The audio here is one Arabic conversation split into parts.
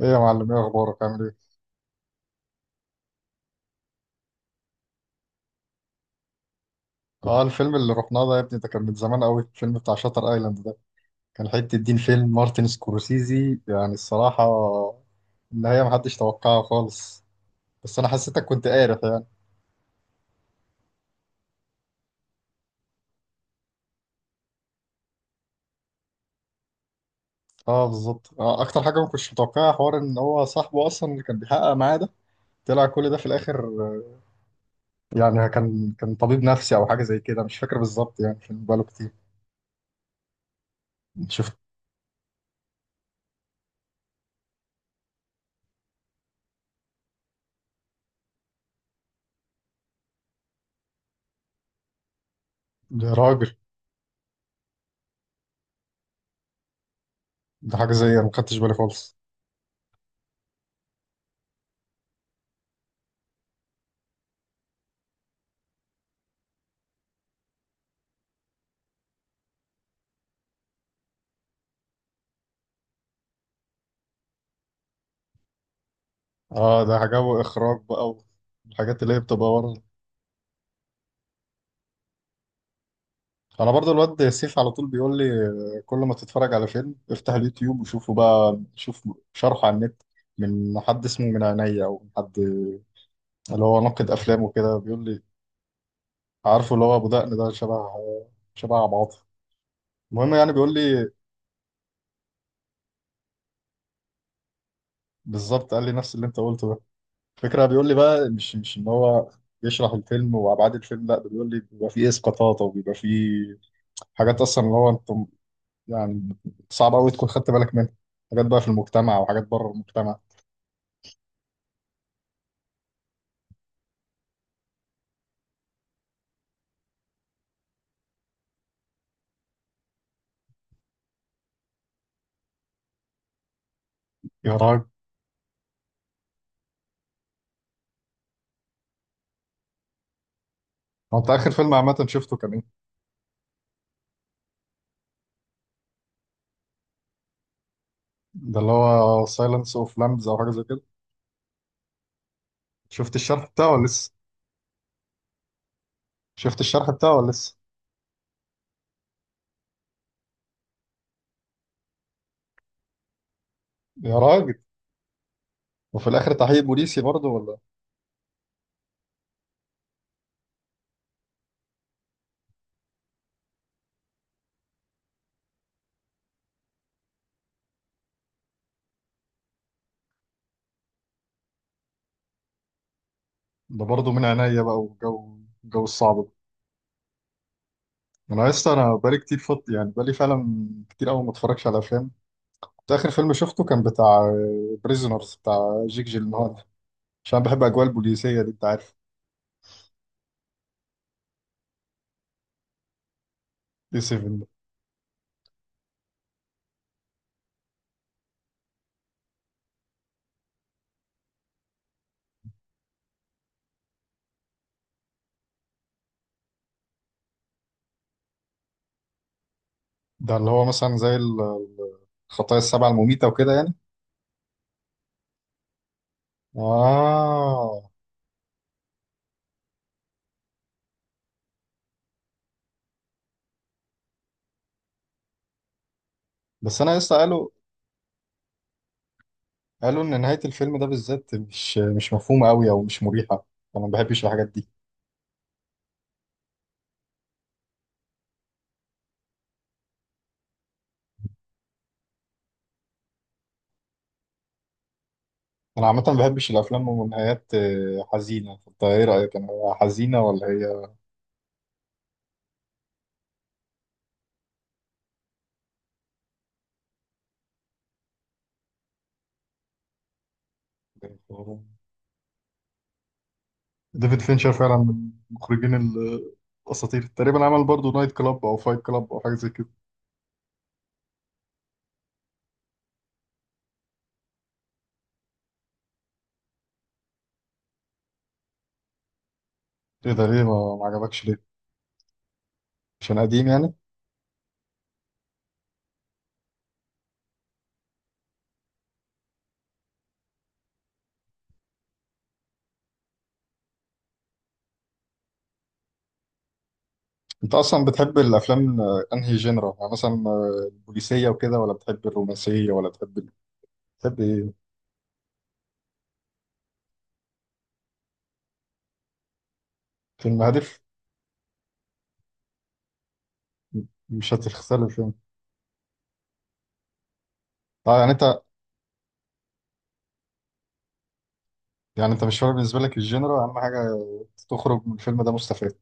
ايه يا معلم، ايه اخبارك؟ عامل ايه؟ اه الفيلم اللي رحناه ده يا ابني ده كان من زمان قوي. الفيلم بتاع شاتر ايلاند ده كان حته دين، فيلم مارتن سكورسيزي يعني. الصراحه النهايه محدش توقعها خالص، بس انا حسيتك كنت قارف يعني. اه بالظبط، آه اكتر حاجه ما كنتش متوقعها حوار ان هو صاحبه اصلا اللي كان بيحقق معاه ده طلع كل ده في الاخر. يعني كان طبيب نفسي او حاجه زي كده، مش فاكر بالظبط يعني، كان بقاله كتير. شفت؟ ده راجل، ده حاجه زي ما خدتش بالي خالص. اه ده جو اخراج بقى، والحاجات اللي هي بتبقى ورا. انا برضو الواد سيف على طول بيقول لي كل ما تتفرج على فيلم افتح اليوتيوب وشوفه بقى، شوف شرحه على النت من حد اسمه من عينيا، او حد اللي هو ناقد افلام وكده بيقول لي. عارفه اللي هو ابو دقن ده، شبه شبه عبد العاطي. المهم يعني بيقول لي بالظبط قال لي نفس اللي انت قلته ده. الفكره بيقول لي بقى مش ان هو يشرح الفيلم وابعاد الفيلم، لا ده بيقول لي بيبقى فيه اسقاطات او بيبقى فيه حاجات اصلا اللي هو انت يعني صعب قوي تكون خدت بالك منها، حاجات بقى في المجتمع وحاجات بره المجتمع. يا راجل، هو انت اخر فيلم عامه شفته كان ايه؟ ده اللي هو سايلنس اوف لامبز او حاجه زي كده؟ شفت الشرح بتاعه ولا لسه؟ شفت الشرح بتاعه ولا لسه؟ يا راجل، وفي الاخر تحقيق بوليسي برضه ولا؟ ده برضه من عينيا بقى، والجو الجو الصعب ده. انا لسه انا بقالي كتير فط يعني، بقالي فعلا كتير قوي ما اتفرجش على افلام. كنت اخر فيلم شفته كان بتاع بريزونرز بتاع جيك جيلنهال، عشان بحب اجواء البوليسيه دي انت عارف. دي 7 ده؟ ده اللي هو مثلا زي الخطايا السبعة المميته وكده يعني. آه. بس انا لسه قالوا، قالوا ان نهايه الفيلم ده بالذات مش مفهومه قوي او مش مريحه، انا ما بحبش الحاجات دي. انا عامه ما بحبش الافلام ونهايات حزينه، فانت ايه رايك؟ انا حزينه ولا هي؟ ديفيد فينشر فعلا من المخرجين الاساطير تقريبا. عمل برضو نايت كلاب او فايت كلاب او حاجه زي كده. ايه ده، ليه ما عجبكش ليه؟ عشان قديم يعني؟ انت اصلا بتحب الافلام انهي جنرا يعني؟ مثلا البوليسيه وكده، ولا بتحب الرومانسيه، ولا بتحب بتحب ايه؟ فيلم هادف. مش هتخسر الفيلم، طبعا يعني انت. يعني انت مش فارق بالنسبه لك الجنرا، اهم حاجه تخرج من الفيلم ده مستفاد.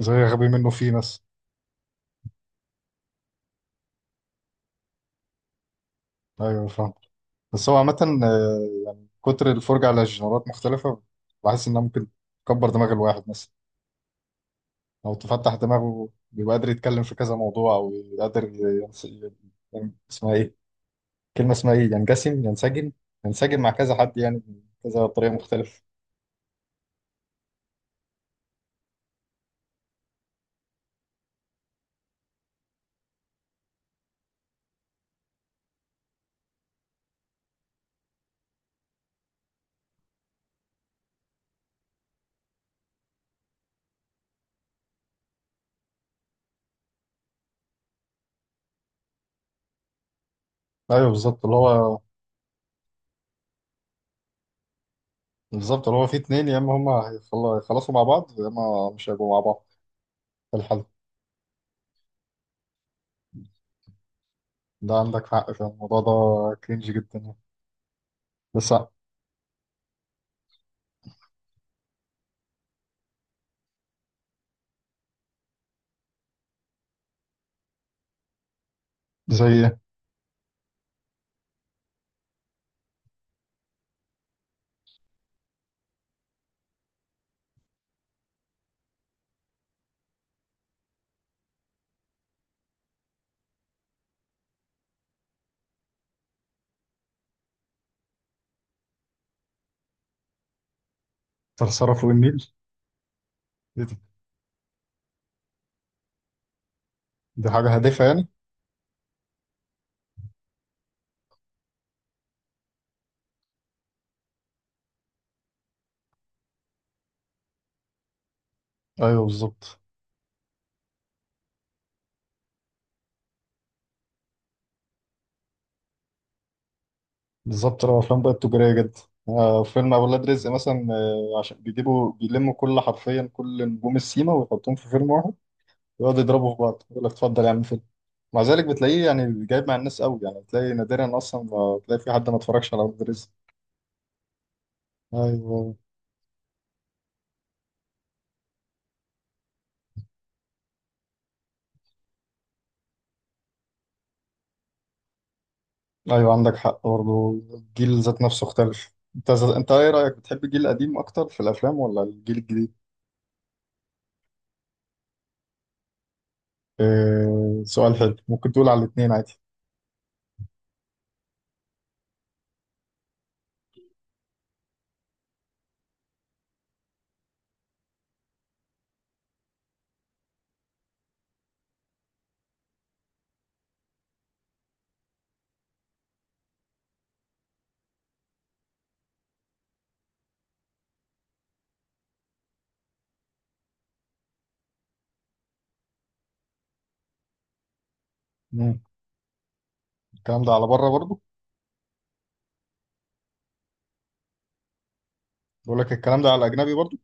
زي غبي منه فيه مثلا. ايوه فاهم. بس هو عامه يعني كتر الفرجه على جنرات مختلفه بحس انها ممكن تكبر دماغ الواحد مثلا، او تفتح دماغه، بيبقى قادر يتكلم في كذا موضوع، او قادر اسمها ايه، كلمه اسمها ايه، ينسجم، ينسجم مع كذا حد يعني، بكذا طريقه مختلفه. ايوه بالظبط اللي هو، بالظبط اللي هو في اتنين يا اما هيخلصوا مع بعض، يا اما مش هيبقوا مع بعض. في الحلقة، ده عندك حق في الموضوع ده، كرينج جدا يعني. بس زي ايه؟ ثرثرة فوق النيل؟ إيه دي، دي حاجة هادفة يعني. ايوه بالظبط. بالظبط، لو افلام بقت تجارية جدا. آه فيلم اولاد رزق مثلا، آه عشان بيجيبوا بيلموا كل، حرفيا كل نجوم السيما ويحطوهم في فيلم واحد، ويقعدوا يضربوا في بعض، يقول لك اتفضل يا عم فيلم. مع ذلك بتلاقيه يعني جايب مع الناس قوي يعني، بتلاقي نادرا اصلا ما بتلاقي في حد ما اتفرجش على اولاد رزق. ايوه، ايوه عندك حق برضه، الجيل ذات نفسه اختلف. انت ايه رايك، بتحب الجيل القديم اكتر في الافلام ولا الجيل الجديد؟ اه سؤال حلو، ممكن تقول على الاثنين عادي. مم. الكلام ده على بره برضه. بقول لك الكلام ده على الاجنبي برضه.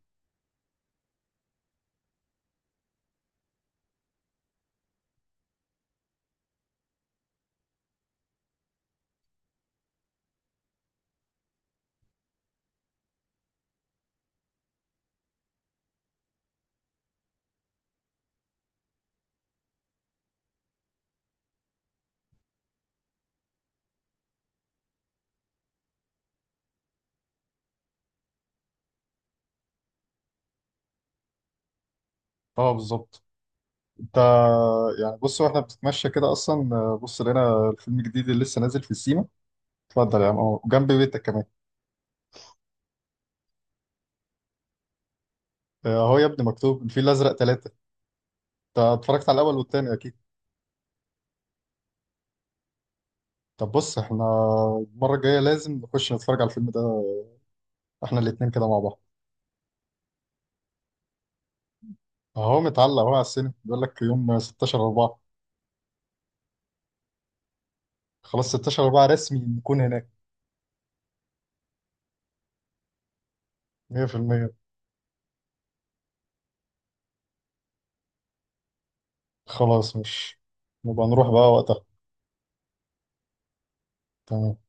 اه بالظبط. انت يعني بص، واحنا بنتمشى كده اصلا بص لقينا الفيلم الجديد اللي لسه نازل في السيما. اتفضل يا عم اهو، جنب بيتك كمان. اهو يا ابني مكتوب الفيل الازرق ثلاثة. انت اتفرجت على الاول والثاني اكيد. طب بص، احنا المره الجايه لازم نخش نتفرج على الفيلم ده، احنا الاثنين كده مع بعض. اهو متعلق اهو على السينما، بيقول لك يوم 16 4. خلاص، 16 4 رسمي نكون هناك. 100%. خلاص، مش نبقى نروح بقى وقتها. تمام.